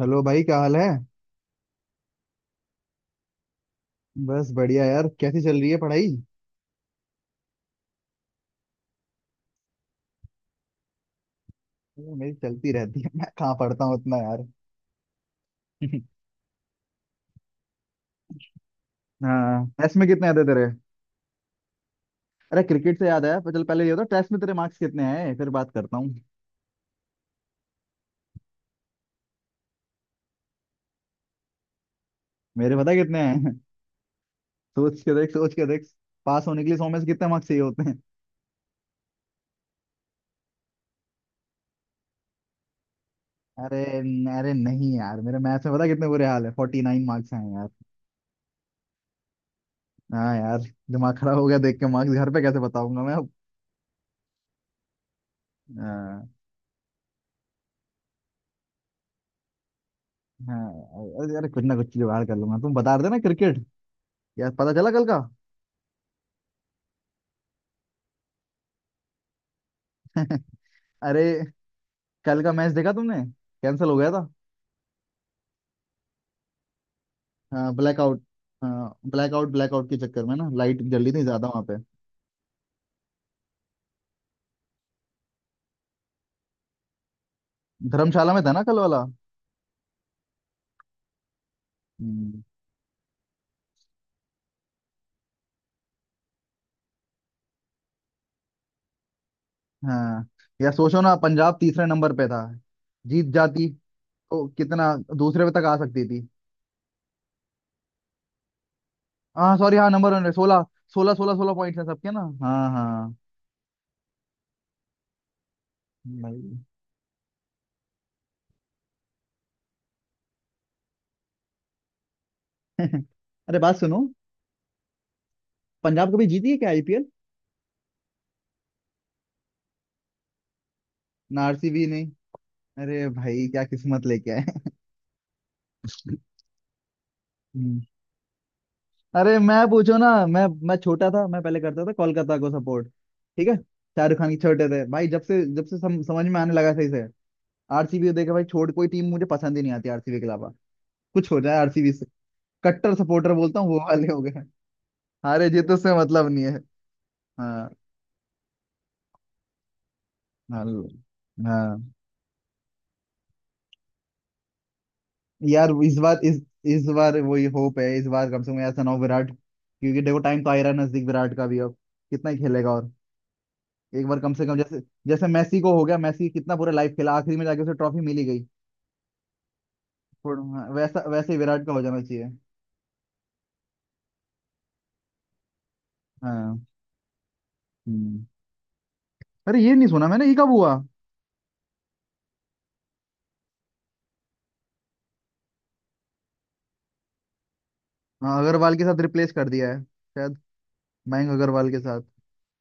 Hello भाई, क्या हाल है। बस बढ़िया यार। कैसी चल रही है पढ़ाई। ये मेरी चलती रहती है। मैं कहाँ पढ़ता हूँ उतना यार। हाँ, टेस्ट में कितने आते तेरे। अरे क्रिकेट से याद आया। पर चल पहले ये होता, टेस्ट में तेरे मार्क्स कितने आए फिर बात करता हूँ। मेरे पता कितने हैं। सोच के देख, सोच के देख। पास होने के लिए 100 में से कितने मार्क्स चाहिए होते हैं। अरे नहीं यार, मेरे मैथ्स में पता कितने बुरे हाल है। 49 मार्क्स हैं यार। हाँ यार, दिमाग खराब हो गया देख के। मार्क्स घर पे कैसे बताऊंगा मैं अब। हाँ, हाँ। अरे अरे, कुछ ना कुछ जुगाड़ कर लूंगा। तुम बता रहे थे ना क्रिकेट, यार पता चला कल का। अरे कल का मैच देखा तुमने, कैंसिल हो गया था। हाँ ब्लैकआउट। हाँ, ब्लैकआउट, ब्लैकआउट के चक्कर में ना लाइट जल ही नहीं ज्यादा वहां पे। धर्मशाला में था ना कल वाला। हम्म, हाँ यार, सोचो ना। पंजाब तीसरे नंबर पे था। जीत जाती तो कितना, दूसरे पे तक आ सकती थी। हाँ सॉरी, हाँ नंबर वन। 16 16 16 16 पॉइंट है सबके ना। हाँ, हाँ। भाई। अरे बात सुनो, पंजाब कभी जीती है क्या आईपीएल। ना, आरसीबी नहीं। अरे भाई, क्या किस्मत लेके आए। अरे मैं पूछो ना, मैं छोटा था। मैं पहले करता था कोलकाता को सपोर्ट। ठीक है, शाहरुख खान के। छोटे थे भाई, जब से समझ में आने लगा सही से। आरसीबी देखा भाई, छोड़। कोई टीम मुझे पसंद ही नहीं आती आरसीबी के अलावा। कुछ हो जाए आरसीबी से। कट्टर सपोर्टर बोलता हूँ वो वाले हो गए। हारे जीत उससे मतलब नहीं है। हाँ, हाँ, हाँ। यार इस बार वही होप है। इस बार कम से कम ऐसा ना हो विराट, क्योंकि देखो टाइम तो आ ही रहा है नजदीक विराट का भी अब। कितना ही खेलेगा और। एक बार कम से कम जैसे जैसे मैसी को हो गया। मैसी कितना पूरा लाइफ खेला, आखिरी में जाके उसे ट्रॉफी मिली गई। हाँ, वैसा वैसे ही विराट का हो जाना चाहिए। हाँ। हम्म। अरे ये नहीं सुना मैंने, ये कब हुआ। हाँ, अग्रवाल के साथ रिप्लेस कर दिया है शायद। मयंक अग्रवाल के साथ।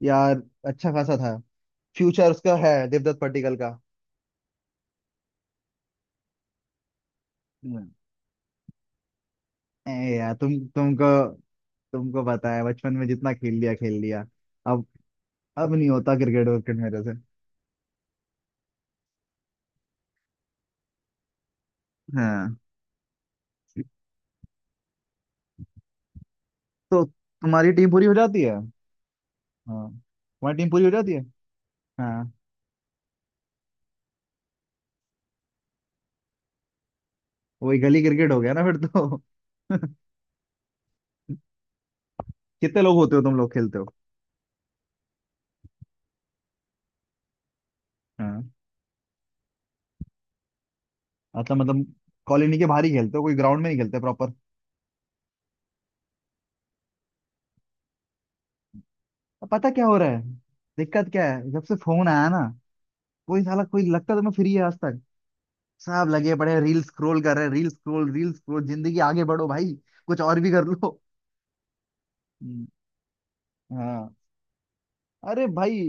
यार अच्छा खासा था फ्यूचर उसका, है देवदत्त पट्टिकल का। हम्म। ए यार, तुमको तुमको पता है, बचपन में जितना खेल लिया खेल लिया। अब अब नहीं होता क्रिकेट विकेट मेरे से। हाँ तो तुम्हारी टीम पूरी हो जाती है। हाँ, तुम्हारी टीम पूरी हो जाती है। हाँ वही गली क्रिकेट हो गया ना फिर तो। कितने लोग होते हो तुम लोग खेलते हो। हाँ अच्छा, मतलब कॉलोनी के बाहर ही खेलते हो, कोई ग्राउंड में नहीं खेलते प्रॉपर। पता क्या हो रहा है, दिक्कत क्या है। जब से फोन आया ना, कोई साला कोई लगता तो मैं फ्री है आज तक। सब लगे पड़े रील स्क्रॉल कर रहे हैं, रील स्क्रॉल, रील स्क्रॉल। जिंदगी आगे बढ़ो भाई, कुछ और भी कर लो। हम्म, हाँ। अरे भाई,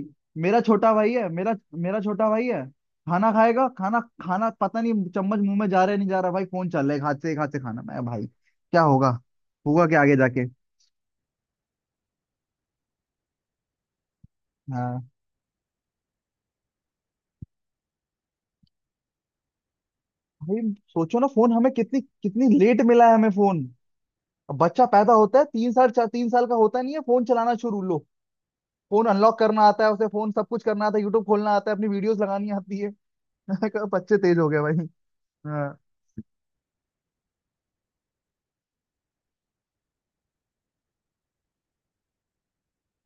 मेरा छोटा भाई है। मेरा मेरा छोटा भाई है। खाना खाएगा, खाना खाना पता नहीं, चम्मच मुंह में जा रहा है नहीं जा रहा भाई, फोन चल रहा है एक हाथ से, एक हाथ से खाना। मैं भाई क्या होगा, होगा क्या आगे जाके। हाँ भाई, सोचो ना फोन हमें कितनी कितनी लेट मिला है, हमें फोन। अब बच्चा पैदा होता है, 3 साल, चार, 3 साल का होता नहीं है, फोन चलाना शुरू लो। फोन अनलॉक करना आता है उसे, फोन सब कुछ करना आता है, यूट्यूब खोलना आता है, अपनी वीडियोस लगानी आती है। मैंने कहा बच्चे तेज हो गए भाई। हाँ।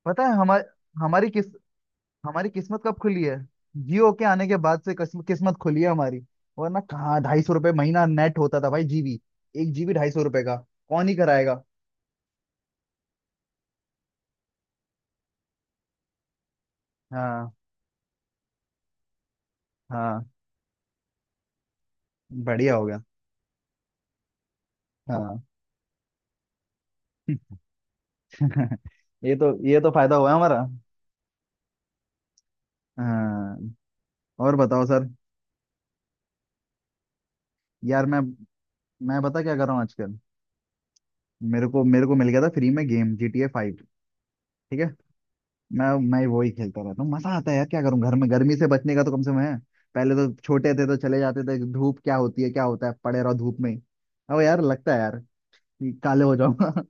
पता है हमारे हमारी किस हमारी किस्मत कब खुली है। जियो के आने के बाद से किस्मत खुली है हमारी। वरना कहाँ 250 रुपये महीना नेट होता था भाई। जीबी 1 जीबी 250 रुपये का। कौन ही कराएगा। हाँ, हाँ बढ़िया हो गया। हाँ। ये तो फायदा हुआ हमारा। हाँ। और बताओ सर। यार मैं बता क्या कर रहा हूँ आजकल। मेरे को मिल गया था फ्री में गेम GTA 5, ठीक है। मैं मैं वही खेलता रहता हूँ। मजा आता है यार, क्या करूँ। घर में गर्मी से बचने का तो कम से कम है। पहले तो छोटे थे तो चले जाते थे, धूप क्या होती है क्या होता है, पड़े रहो धूप में ही। अब यार लगता है यार कि काले हो जाऊंगा।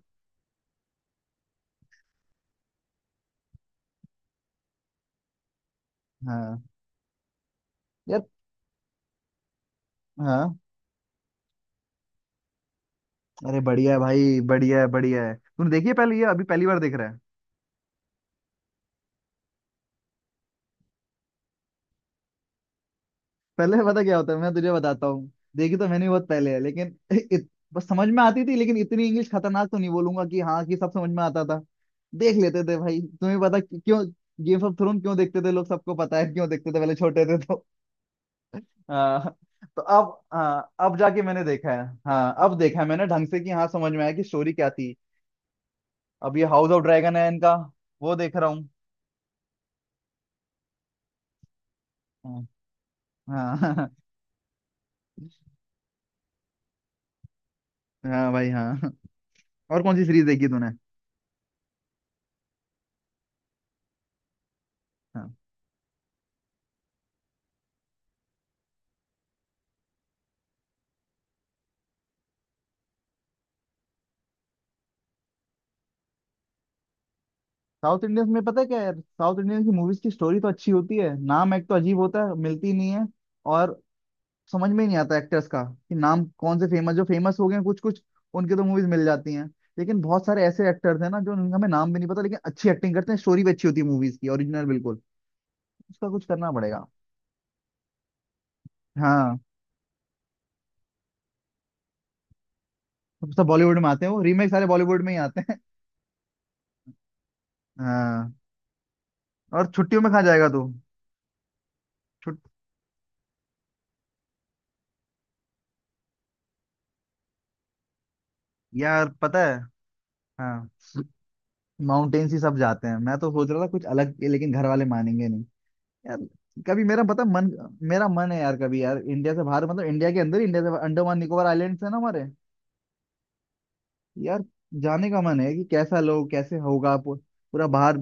हाँ यार। हाँ। अरे बढ़िया है भाई, बढ़िया है, बढ़िया है। तूने देखी है पहले ये, अभी पहली बार देख रहा है। पहले पता क्या होता है, मैं तुझे बताता हूँ। देखी तो मैंने बहुत पहले है लेकिन, बस समझ में आती थी। लेकिन इतनी इंग्लिश खतरनाक तो नहीं बोलूंगा कि हाँ कि सब समझ में आता था। देख लेते थे भाई, तुम्हें पता क्यों गेम ऑफ थ्रोन क्यों देखते थे लोग। सबको पता है क्यों देखते थे, पहले छोटे थे तो। हाँ। तो अब हाँ, अब जाके मैंने देखा है। हाँ, अब देखा है मैंने ढंग से, कि हाँ समझ में आया कि स्टोरी क्या थी। अब ये हाउस ऑफ ड्रैगन है इनका, वो देख रहा हूँ। हाँ, हाँ। हाँ भाई, हाँ। और कौन सी सीरीज देखी तूने। हाँ साउथ इंडियंस में पता है क्या यार, साउथ इंडियन की मूवीज की स्टोरी तो अच्छी होती है। नाम एक तो अजीब होता है, मिलती नहीं है। और समझ में ही नहीं आता एक्टर्स का, कि नाम कौन से फेमस, जो फेमस हो गए हैं कुछ कुछ, उनके तो मूवीज मिल जाती हैं। लेकिन बहुत सारे ऐसे एक्टर्स हैं ना, जो उनका हमें नाम भी नहीं पता, लेकिन अच्छी एक्टिंग करते हैं, स्टोरी भी अच्छी होती है मूवीज की, ओरिजिनल बिल्कुल। उसका कुछ करना पड़ेगा। हाँ, सब सब बॉलीवुड में आते हैं वो रीमेक, सारे बॉलीवुड में ही आते हैं। हाँ। और छुट्टियों में कहाँ जाएगा तू। छुट यार पता है। हाँ, माउंटेन्स ही सब जाते हैं। मैं तो सोच रहा था कुछ अलग, लेकिन घर वाले मानेंगे नहीं। यार कभी, मेरा मन है यार कभी, यार इंडिया से बाहर, मतलब इंडिया के अंदर ही, इंडिया से बाहर, अंडमान निकोबार आइलैंड्स है ना हमारे। यार जाने का मन है कि कैसा लोग कैसे होगा पूरा बाहर।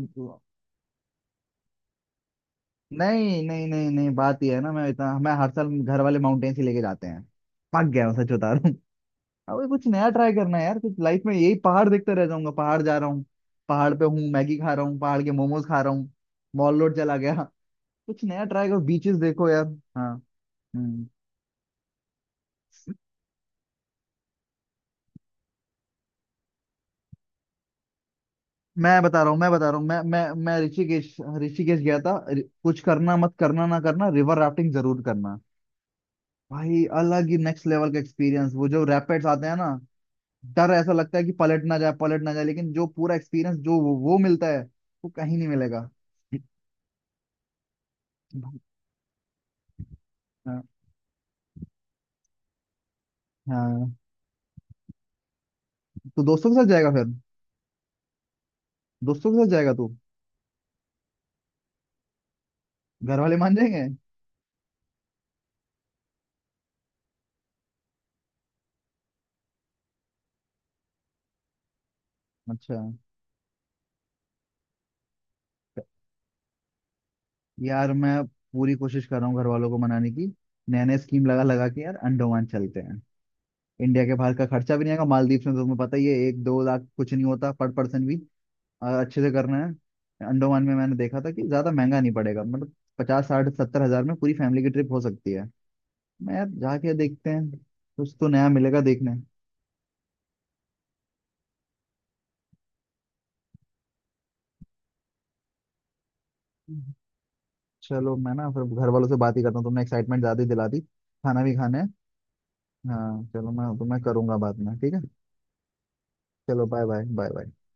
नहीं, नहीं, नहीं, नहीं, बात ये है ना। मैं हर साल घर वाले माउंटेन्स ही लेके जाते हैं। पक गया हूं, सच बता रहा हूँ। अब कुछ नया ट्राई करना है यार, कुछ लाइफ में। यही पहाड़ देखते रह जाऊंगा, पहाड़ जा रहा हूँ, पहाड़ पे हूँ मैगी खा रहा हूँ, पहाड़ के मोमोज खा रहा हूँ, मॉल रोड चला गया। कुछ नया ट्राई करो, बीचेस देखो यार। हाँ। हम्म। मैं बता रहा हूँ, मैं ऋषिकेश ऋषिकेश गया था। कुछ करना मत करना, ना करना, रिवर राफ्टिंग जरूर करना। भाई अलग ही नेक्स्ट लेवल का एक्सपीरियंस। वो जो रैपिड्स आते हैं ना, डर ऐसा लगता है कि पलट ना जाए पलट ना जाए, लेकिन जो पूरा एक्सपीरियंस जो वो मिलता है, वो कहीं नहीं मिलेगा। हाँ, हाँ। तो दोस्तों के साथ जाएगा फिर। दोस्तों के साथ जाएगा तू। घर वाले मान जाएंगे। अच्छा। यार मैं पूरी कोशिश कर रहा हूँ घर वालों को मनाने की। नए नए स्कीम लगा लगा के यार, अंडोमान चलते हैं। इंडिया के बाहर का खर्चा भी नहीं आएगा। मालदीव में तो तुम्हें पता ही है, 1-2 लाख कुछ नहीं होता पर पर्सन भी। और अच्छे से करना है। अंडमान में मैंने देखा था कि ज्यादा महंगा नहीं पड़ेगा, मतलब 50-60-70 हज़ार में पूरी फैमिली की ट्रिप हो सकती है। मैं यार जाके देखते हैं, कुछ तो नया मिलेगा देखने। चलो, मैं ना फिर घर वालों से बात ही करता हूँ। तुमने एक्साइटमेंट ज्यादा ही दिला दी। खाना भी खाना है। हाँ चलो, मैं तुम्हें करूंगा बाद में, ठीक है। चलो, बाय बाय, बाय बाय।